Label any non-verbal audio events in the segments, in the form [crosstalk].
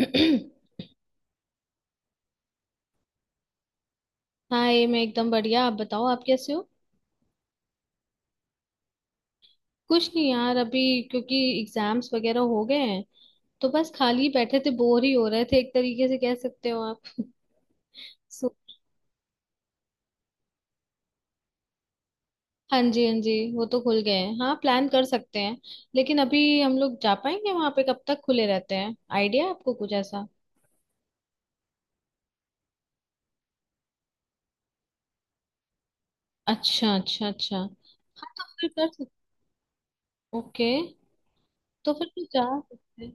हाँ, ये मैं एकदम बढ़िया। आप बताओ, आप कैसे हो। कुछ नहीं यार, अभी क्योंकि एग्जाम्स वगैरह हो गए हैं, तो बस खाली बैठे थे, बोर ही हो रहे थे एक तरीके से कह सकते हो आप [laughs] सो, हाँ जी हाँ जी, वो तो खुल गए हैं। हाँ, प्लान कर सकते हैं। लेकिन अभी हम लोग जा पाएंगे, वहां पे कब तक खुले रहते हैं, आइडिया है आपको कुछ ऐसा। अच्छा अच्छा अच्छा, हाँ तो फिर कर सकते। ओके, तो फिर तो जा सकते हैं।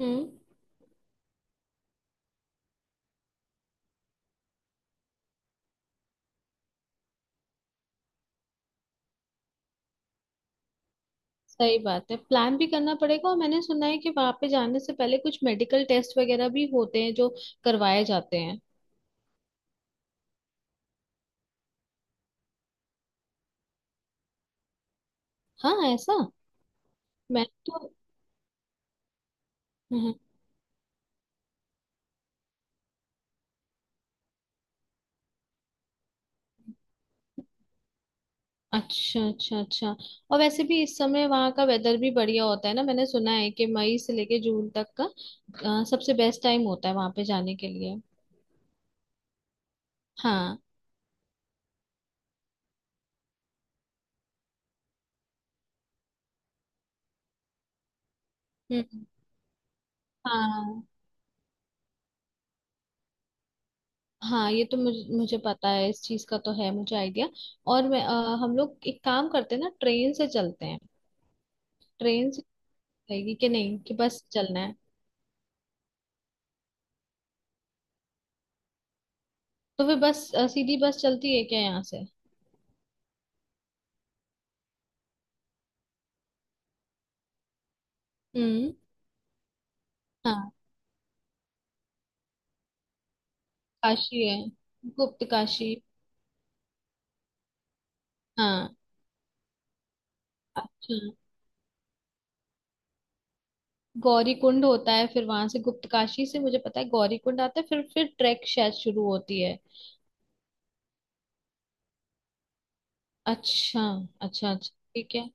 हम्म। सही बात है, प्लान भी करना पड़ेगा। और मैंने सुना है कि वहां पे जाने से पहले कुछ मेडिकल टेस्ट वगैरह भी होते हैं जो करवाए जाते हैं। हाँ ऐसा। मैं तो। हम्म, हम्म। अच्छा अच्छा अच्छा। और वैसे भी इस समय वहाँ का वेदर भी बढ़िया होता है ना। मैंने सुना है कि मई से लेके जून तक का सबसे बेस्ट टाइम होता है वहां पे जाने के लिए। हाँ। हम्म। हाँ, हाँ ये तो मुझे मुझे पता है, इस चीज का तो है मुझे आइडिया। और मैं, हम लोग एक काम करते हैं ना, ट्रेन से चलते हैं। ट्रेन रहेगी कि नहीं कि बस चलना है। तो फिर बस, सीधी बस चलती है क्या यहाँ से। हम्म। हाँ, काशी है, गुप्त काशी। हाँ। अच्छा, गौरी कुंड होता है, फिर वहां से गुप्त काशी से मुझे पता है गौरी कुंड आता है, फिर ट्रैक शायद शुरू होती है। अच्छा अच्छा अच्छा, ठीक है।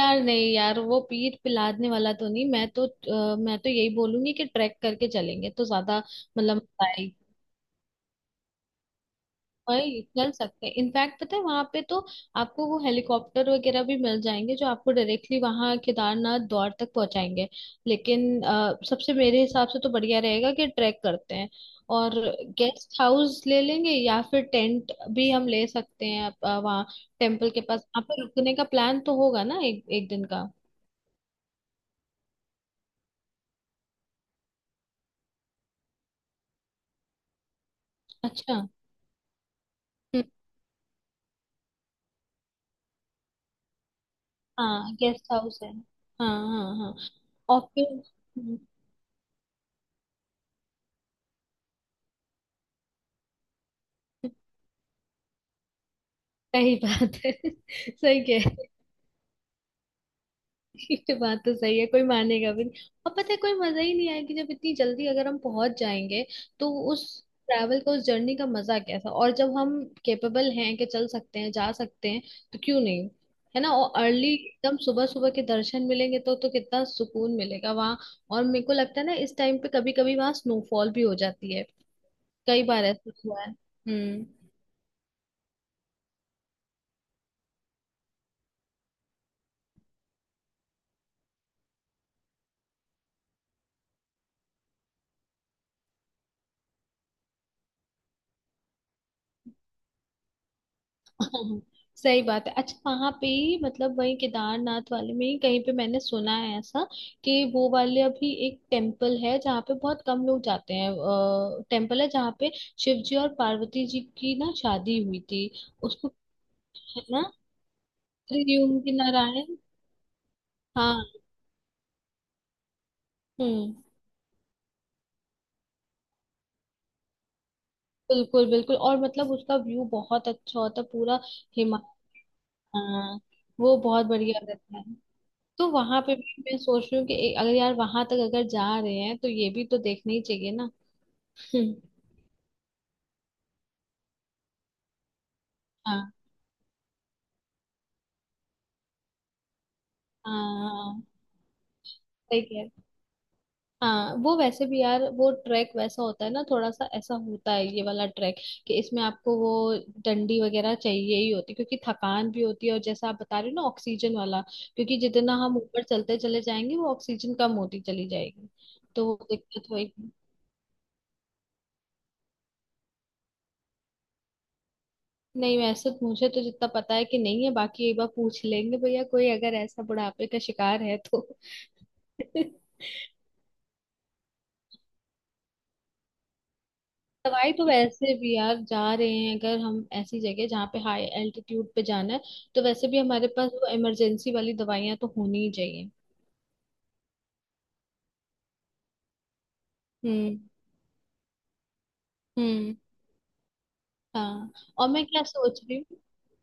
यार नहीं यार, वो पीठ पिलाने वाला तो नहीं। मैं तो, मैं तो यही बोलूंगी कि ट्रैक करके चलेंगे तो ज्यादा। मतलब वही चल सकते हैं। इनफैक्ट पता है, वहां पे तो आपको वो हेलीकॉप्टर वगैरह भी मिल जाएंगे जो आपको डायरेक्टली वहां केदारनाथ द्वार तक पहुंचाएंगे। लेकिन सबसे मेरे हिसाब से तो बढ़िया रहेगा कि ट्रैक करते हैं। और गेस्ट हाउस ले लेंगे या फिर टेंट भी हम ले सकते हैं, वहाँ टेम्पल के पास वहाँ पे रुकने का प्लान तो होगा ना, एक एक दिन का। अच्छा। हम्म। हाँ गेस्ट हाउस है। हाँ हाँ हाँ। और फिर। हम्म, सही बात है [laughs] सही कह। ये बात तो सही है, कोई मानेगा भी नहीं। और पता है, कोई मजा ही नहीं आएगी जब इतनी जल्दी अगर हम पहुंच जाएंगे। तो उस ट्रैवल का, उस जर्नी का मजा कैसा। और जब हम केपेबल हैं कि चल सकते हैं, जा सकते हैं, तो क्यों नहीं, है ना। और अर्ली एकदम सुबह सुबह के दर्शन मिलेंगे तो कितना सुकून मिलेगा वहां। और मेरे को लगता है ना, इस टाइम पे कभी कभी वहां स्नोफॉल भी हो जाती है। कई बार ऐसा हुआ है। हम्म। हाँ, हाँ, सही बात है। अच्छा वहां पे ही मतलब, वही केदारनाथ वाले में ही कहीं पे मैंने सुना है ऐसा कि वो वाले, अभी एक टेम्पल है जहाँ पे बहुत कम लोग जाते हैं, टेम्पल है जहाँ पे शिव जी और पार्वती जी की ना शादी हुई थी। उसको क्या ना, त्रियुंग नारायण। हाँ। हम्म। बिल्कुल बिल्कुल, और मतलब उसका व्यू बहुत अच्छा होता है, पूरा। हिमा। हाँ। वो बहुत बढ़िया रहता है। तो वहां पे भी मैं सोच रही हूँ कि ए- अगर यार वहां तक अगर जा रहे हैं तो ये भी तो देखना ही चाहिए ना। हम्म। हाँ। हाँ, सही कह रहे। हाँ, वो वैसे भी यार वो ट्रैक वैसा होता है ना, थोड़ा सा ऐसा होता है ये वाला ट्रैक कि इसमें आपको वो डंडी वगैरह चाहिए ही होती है, क्योंकि थकान भी होती है। और जैसा आप बता रहे हो ना, ऑक्सीजन वाला, क्योंकि जितना हम ऊपर चलते चले जाएंगे वो ऑक्सीजन कम होती चली जाएगी। तो वो दिक्कत होगी। नहीं, वैसे तो मुझे तो जितना पता है कि नहीं है। बाकी एक बार पूछ लेंगे, भैया कोई अगर ऐसा बुढ़ापे का शिकार है तो [laughs] दवाई तो वैसे भी यार, जा रहे हैं अगर हम ऐसी जगह जहाँ पे हाई एल्टीट्यूड पे जाना है, तो वैसे भी हमारे पास वो इमरजेंसी वाली दवाइयाँ तो होनी ही चाहिए। हम्म। हम्म। हाँ। और मैं क्या सोच रही हूँ।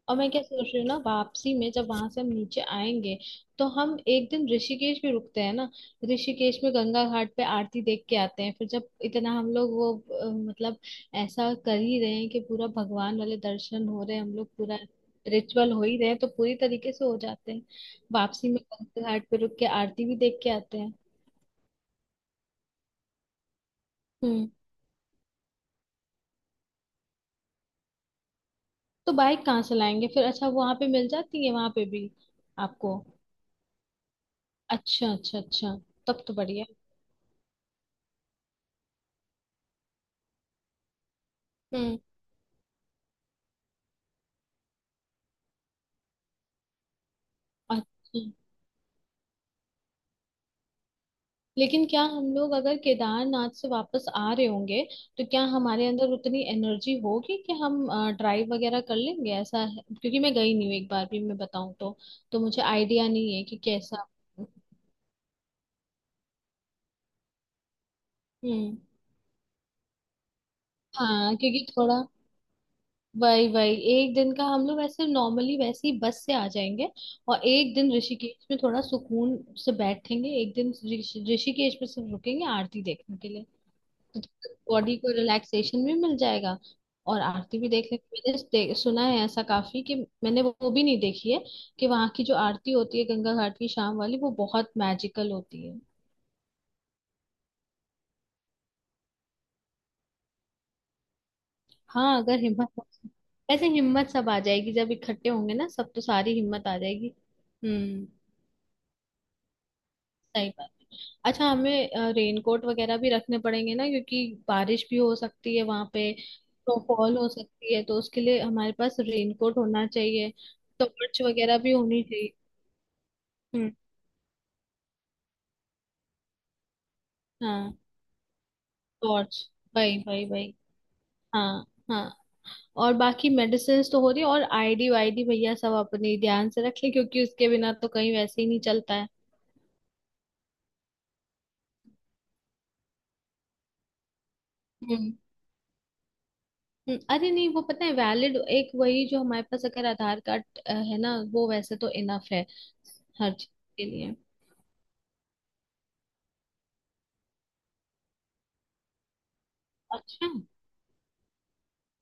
और मैं क्या सोच रही हूँ ना, वापसी में जब वहां से हम नीचे आएंगे तो हम एक दिन ऋषिकेश भी रुकते हैं ना। ऋषिकेश में गंगा घाट पे आरती देख के आते हैं। फिर जब इतना हम लोग वो, मतलब ऐसा कर ही रहे हैं कि पूरा भगवान वाले दर्शन हो रहे हैं, हम लोग पूरा रिचुअल हो ही रहे हैं, तो पूरी तरीके से हो जाते हैं। वापसी में गंगा घाट पे रुक के आरती भी देख के आते हैं। हम्म। तो बाइक कहाँ से लाएंगे फिर, अच्छा वहां पे मिल जाती है वहां पे भी आपको। अच्छा अच्छा अच्छा। तब तो बढ़िया। हम्म। अच्छा, लेकिन क्या हम लोग अगर केदारनाथ से वापस आ रहे होंगे तो क्या हमारे अंदर उतनी एनर्जी होगी कि हम ड्राइव वगैरह कर लेंगे, ऐसा है क्योंकि मैं गई नहीं हूँ एक बार भी, मैं बताऊँ तो। तो मुझे आइडिया नहीं है कि कैसा। हम्म। हाँ क्योंकि थोड़ा, वही वही एक दिन का हम लोग ऐसे नॉर्मली वैसे ही बस से आ जाएंगे। और एक दिन ऋषिकेश में थोड़ा सुकून से बैठेंगे, एक दिन ऋषिकेश में सिर्फ रुकेंगे आरती देखने के लिए। बॉडी को रिलैक्सेशन भी मिल जाएगा। और आरती भी देख लेंगे। मैंने सुना है ऐसा काफी कि, मैंने वो भी नहीं देखी है कि वहां की जो आरती होती है गंगा घाट की शाम वाली, वो बहुत मैजिकल होती है। हाँ अगर हिम्मत। वैसे हिम्मत सब आ जाएगी, जब इकट्ठे होंगे ना सब, तो सारी हिम्मत आ जाएगी। हम्म। सही बात है। अच्छा, हमें रेनकोट वगैरह भी रखने पड़ेंगे ना, क्योंकि बारिश भी हो सकती है वहां पे, तो फॉल हो सकती है, तो उसके लिए हमारे पास रेनकोट होना चाहिए। टॉर्च वगैरह भी होनी चाहिए। हम्म। हाँ, टॉर्च। भाई भाई भाई। हाँ। हाँ। और बाकी मेडिसिन तो हो रही है, और आईडी वाईडी भैया सब अपनी ध्यान से रखें, क्योंकि उसके बिना तो कहीं वैसे ही नहीं चलता है। हम्म। अरे नहीं, वो पता है वैलिड एक वही, जो हमारे पास अगर आधार कार्ड है ना, वो वैसे तो इनफ है हर चीज के लिए। अच्छा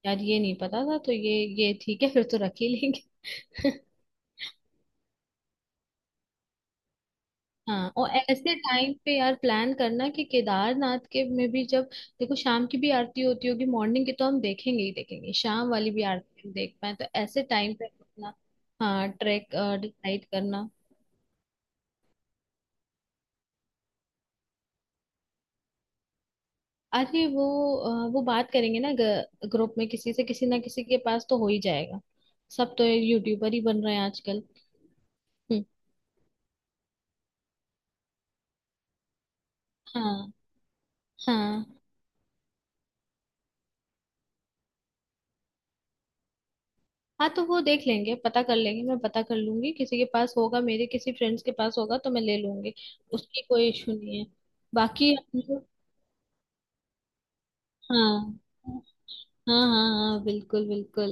यार, ये नहीं पता था, तो ये ठीक है फिर तो रख ही लेंगे [laughs] हाँ। और ऐसे टाइम पे यार प्लान करना कि केदारनाथ के में भी जब, देखो शाम की भी आरती होती होगी, मॉर्निंग की तो हम देखेंगे ही देखेंगे, शाम वाली भी आरती हम देख पाए तो ऐसे टाइम पे अपना। हाँ, ट्रैक डिसाइड करना। अरे वो, वो बात करेंगे ना ग्रुप में किसी से, किसी ना किसी के पास तो हो ही जाएगा। सब तो यूट्यूबर ही बन रहे हैं आजकल। हम्म, हाँ हाँ हाँ। तो वो देख लेंगे, पता कर लेंगे। मैं पता कर लूंगी, किसी के पास होगा मेरे किसी फ्रेंड्स के पास होगा तो मैं ले लूंगी। उसकी कोई इशू नहीं है। बाकी हम लोग। हाँ। हाँ हाँ हाँ, बिल्कुल बिल्कुल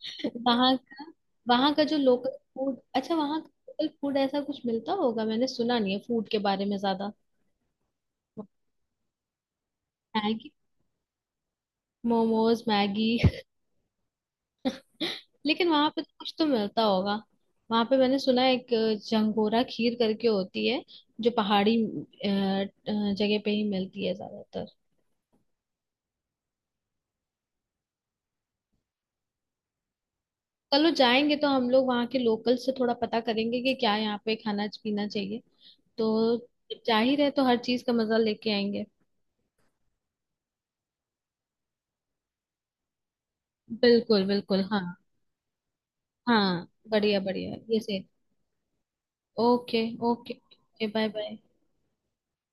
[laughs] वहाँ का, वहाँ का जो लोकल फूड, अच्छा वहाँ का लोकल फूड ऐसा कुछ मिलता होगा, मैंने सुना नहीं है फूड के बारे में ज्यादा। Maggi, momos Maggi. लेकिन वहां पे तो कुछ तो मिलता होगा। वहां पे मैंने सुना है एक जंगोरा खीर करके होती है, जो पहाड़ी जगह पे ही मिलती है ज्यादातर। चलो, जाएंगे तो हम लोग वहाँ के लोकल से थोड़ा पता करेंगे कि क्या यहाँ पे खाना पीना चाहिए। तो जब जा ही रहे तो हर चीज का मजा लेके आएंगे। बिल्कुल बिल्कुल। हाँ। हाँ बढ़िया बढ़िया ये से। ओके। Okay, bye bye.